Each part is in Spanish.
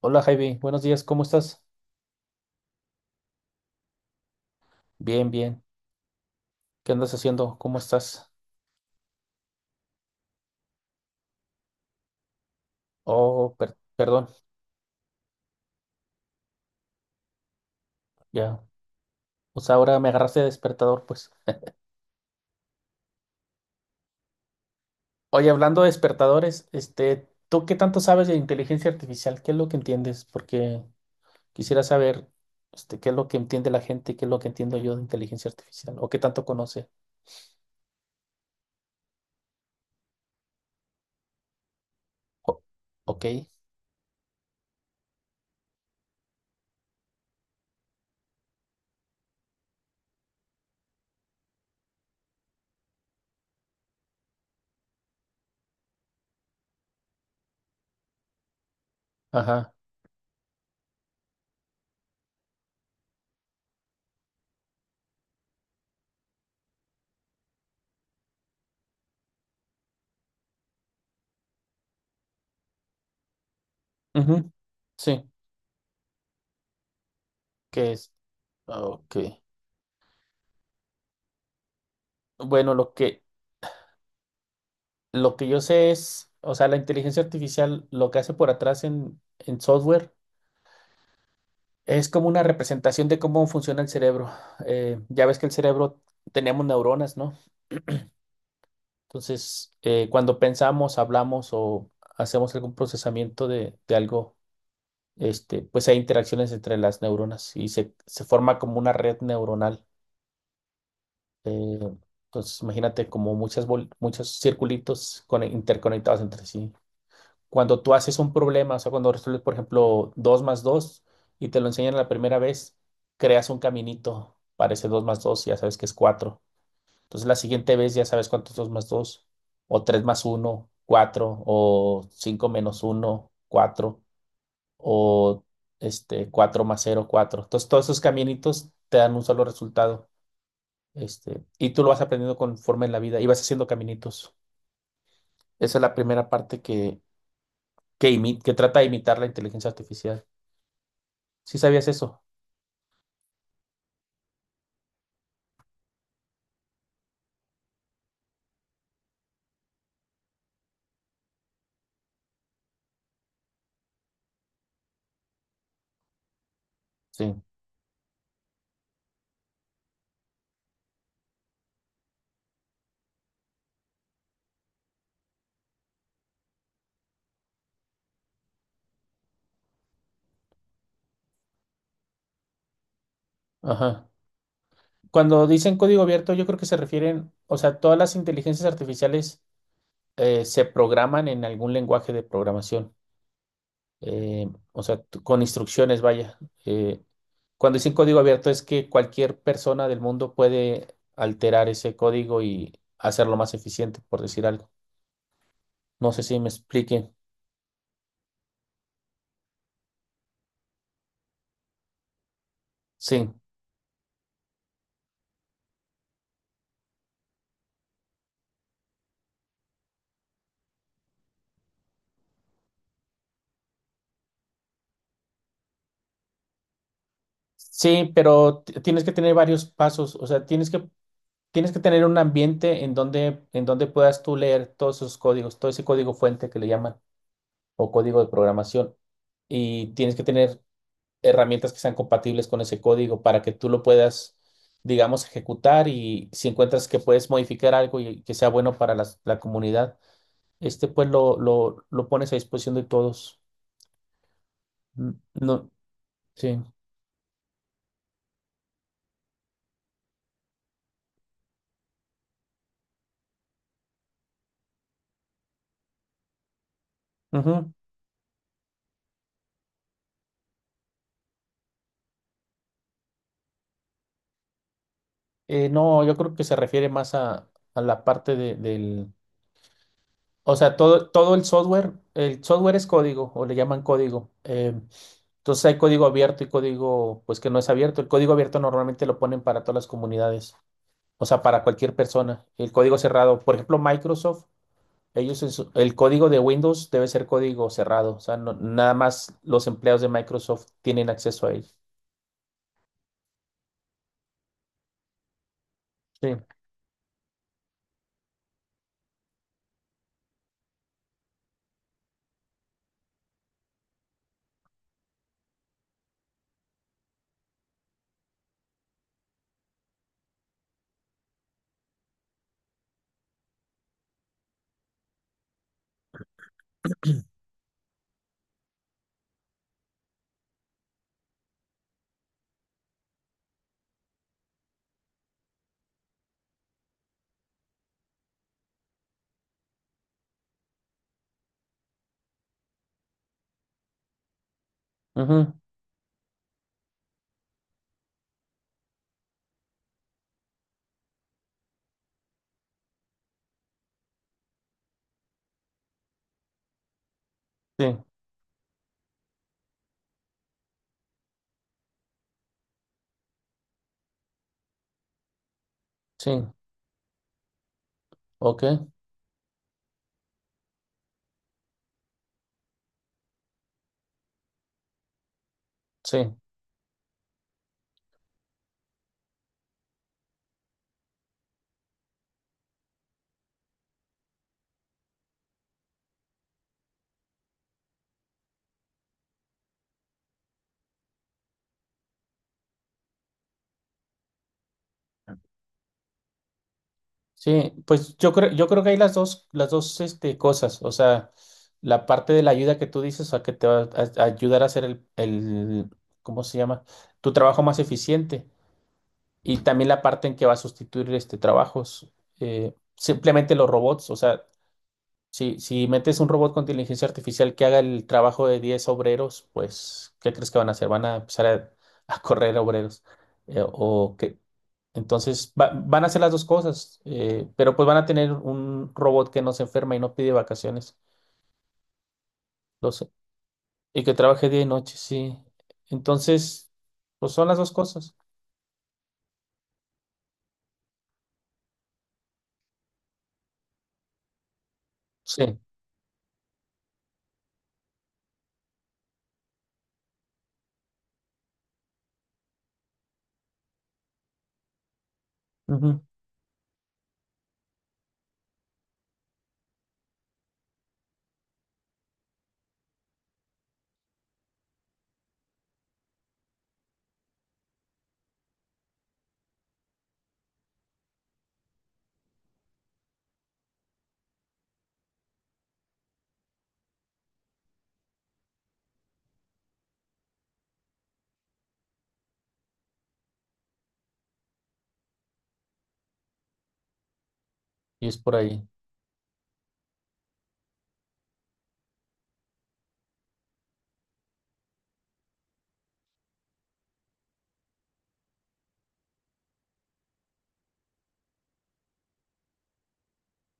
Hola Javi, buenos días, ¿cómo estás? Bien, bien. ¿Qué andas haciendo? ¿Cómo estás? Oh, perdón, ya. O sea, ahora me agarraste de despertador, pues. Oye, hablando de despertadores, ¿tú qué tanto sabes de inteligencia artificial? ¿Qué es lo que entiendes? Porque quisiera saber, qué es lo que entiende la gente, qué es lo que entiendo yo de inteligencia artificial, o qué tanto conoce. O- ok, ajá. Ujú. Sí, ¿qué es? Ok. Bueno, lo que Lo que yo sé es, o sea, la inteligencia artificial lo que hace por atrás en software es como una representación de cómo funciona el cerebro. Ya ves que el cerebro tenemos neuronas, ¿no? Entonces, cuando pensamos, hablamos o hacemos algún procesamiento de algo, pues hay interacciones entre las neuronas y se forma como una red neuronal. Eh, entonces, imagínate como muchos circulitos interconectados entre sí. Cuando tú haces un problema, o sea, cuando resuelves, por ejemplo, 2 más 2 y te lo enseñan la primera vez, creas un caminito para ese 2 más 2 y ya sabes que es 4. Entonces la siguiente vez ya sabes cuánto es 2 más 2 o 3 más uno, 4 o 5 menos uno, 4 o 4 más cero, cuatro. Entonces todos esos caminitos te dan un solo resultado. Y tú lo vas aprendiendo conforme en la vida y vas haciendo caminitos. Esa es la primera parte que trata de imitar la inteligencia artificial. Sí sabías eso. Sí. Ajá. Cuando dicen código abierto, yo creo que se refieren, o sea, todas las inteligencias artificiales se programan en algún lenguaje de programación, o sea, con instrucciones, vaya. Eh, Cuando dicen código abierto es que cualquier persona del mundo puede alterar ese código y hacerlo más eficiente, por decir algo. No sé si me expliquen. Sí, sí, pero tienes que tener varios pasos, o sea, tienes que... Tienes que tener un ambiente en donde puedas tú leer todos esos códigos, todo ese código fuente que le llaman o código de programación. Y tienes que tener herramientas que sean compatibles con ese código para que tú lo puedas, digamos, ejecutar, y si encuentras que puedes modificar algo y que sea bueno para la comunidad, pues lo pones a disposición de todos. Mm, no, sí. Ujú. No, yo creo que se refiere más a la parte del... O sea, todo, todo el software es código, o le llaman código. Entonces hay código abierto y código, pues que no es abierto. El código abierto normalmente lo ponen para todas las comunidades, o sea, para cualquier persona. El código cerrado, por ejemplo, Microsoft, ellos, el código de Windows debe ser código cerrado, o sea, nada más los empleados de Microsoft tienen acceso a él. Sí, ujú. Sí, sí, ok, sí. Sí, pues yo creo que hay las dos cosas. O sea, la parte de la ayuda que tú dices, o sea, que te va a ayudar a hacer ¿cómo se llama? Tu trabajo más eficiente. Y también la parte en que va a sustituir trabajos. Simplemente los robots. O sea, si metes un robot con inteligencia artificial que haga el trabajo de 10 obreros, pues, ¿qué crees que van a hacer? Van a empezar a correr obreros. O entonces van a hacer las dos cosas, pero pues van a tener un robot que no se enferma y no pide vacaciones, lo sé, y que trabaje día y noche, sí. Entonces, pues son las dos cosas. Sí, ujú. Y es por ahí.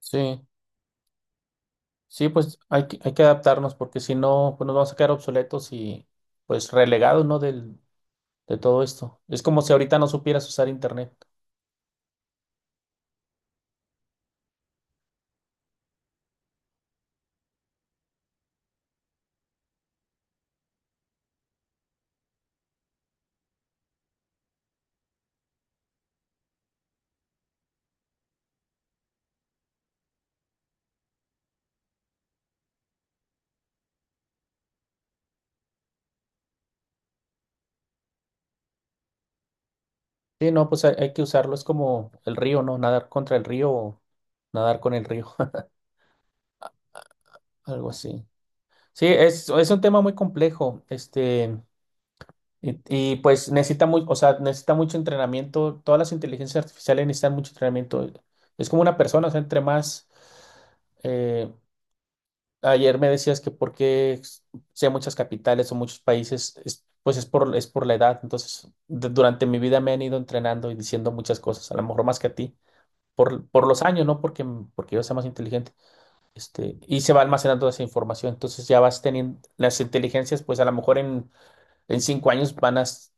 Sí, sí, pues hay que adaptarnos porque si no, pues nos vamos a quedar obsoletos y pues relegados, ¿no? Del, de todo esto. Es como si ahorita no supieras usar internet. Sí, no, pues hay que usarlo. Es como el río, ¿no? Nadar contra el río o nadar con el río, algo así. Sí, es un tema muy complejo, y, pues necesita muy, o sea, necesita mucho entrenamiento, todas las inteligencias artificiales necesitan mucho entrenamiento. Es como una persona, o sea, entre más, eh, ayer me decías que por qué sé muchas capitales o muchos países, pues es por la edad. Entonces, durante mi vida me han ido entrenando y diciendo muchas cosas, a lo mejor más que a ti, por los años, ¿no? Porque, porque yo sea más inteligente. Este, y se va almacenando esa información. Entonces ya vas teniendo las inteligencias, pues a lo mejor en 5 años van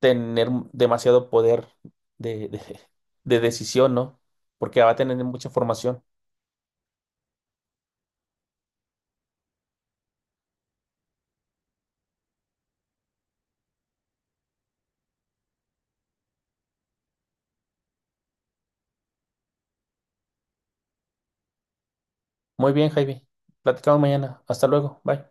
tener demasiado poder de, de- de decisión, ¿no? Porque va a tener mucha información. Muy bien, Jaime. Platicamos mañana. Hasta luego. Bye.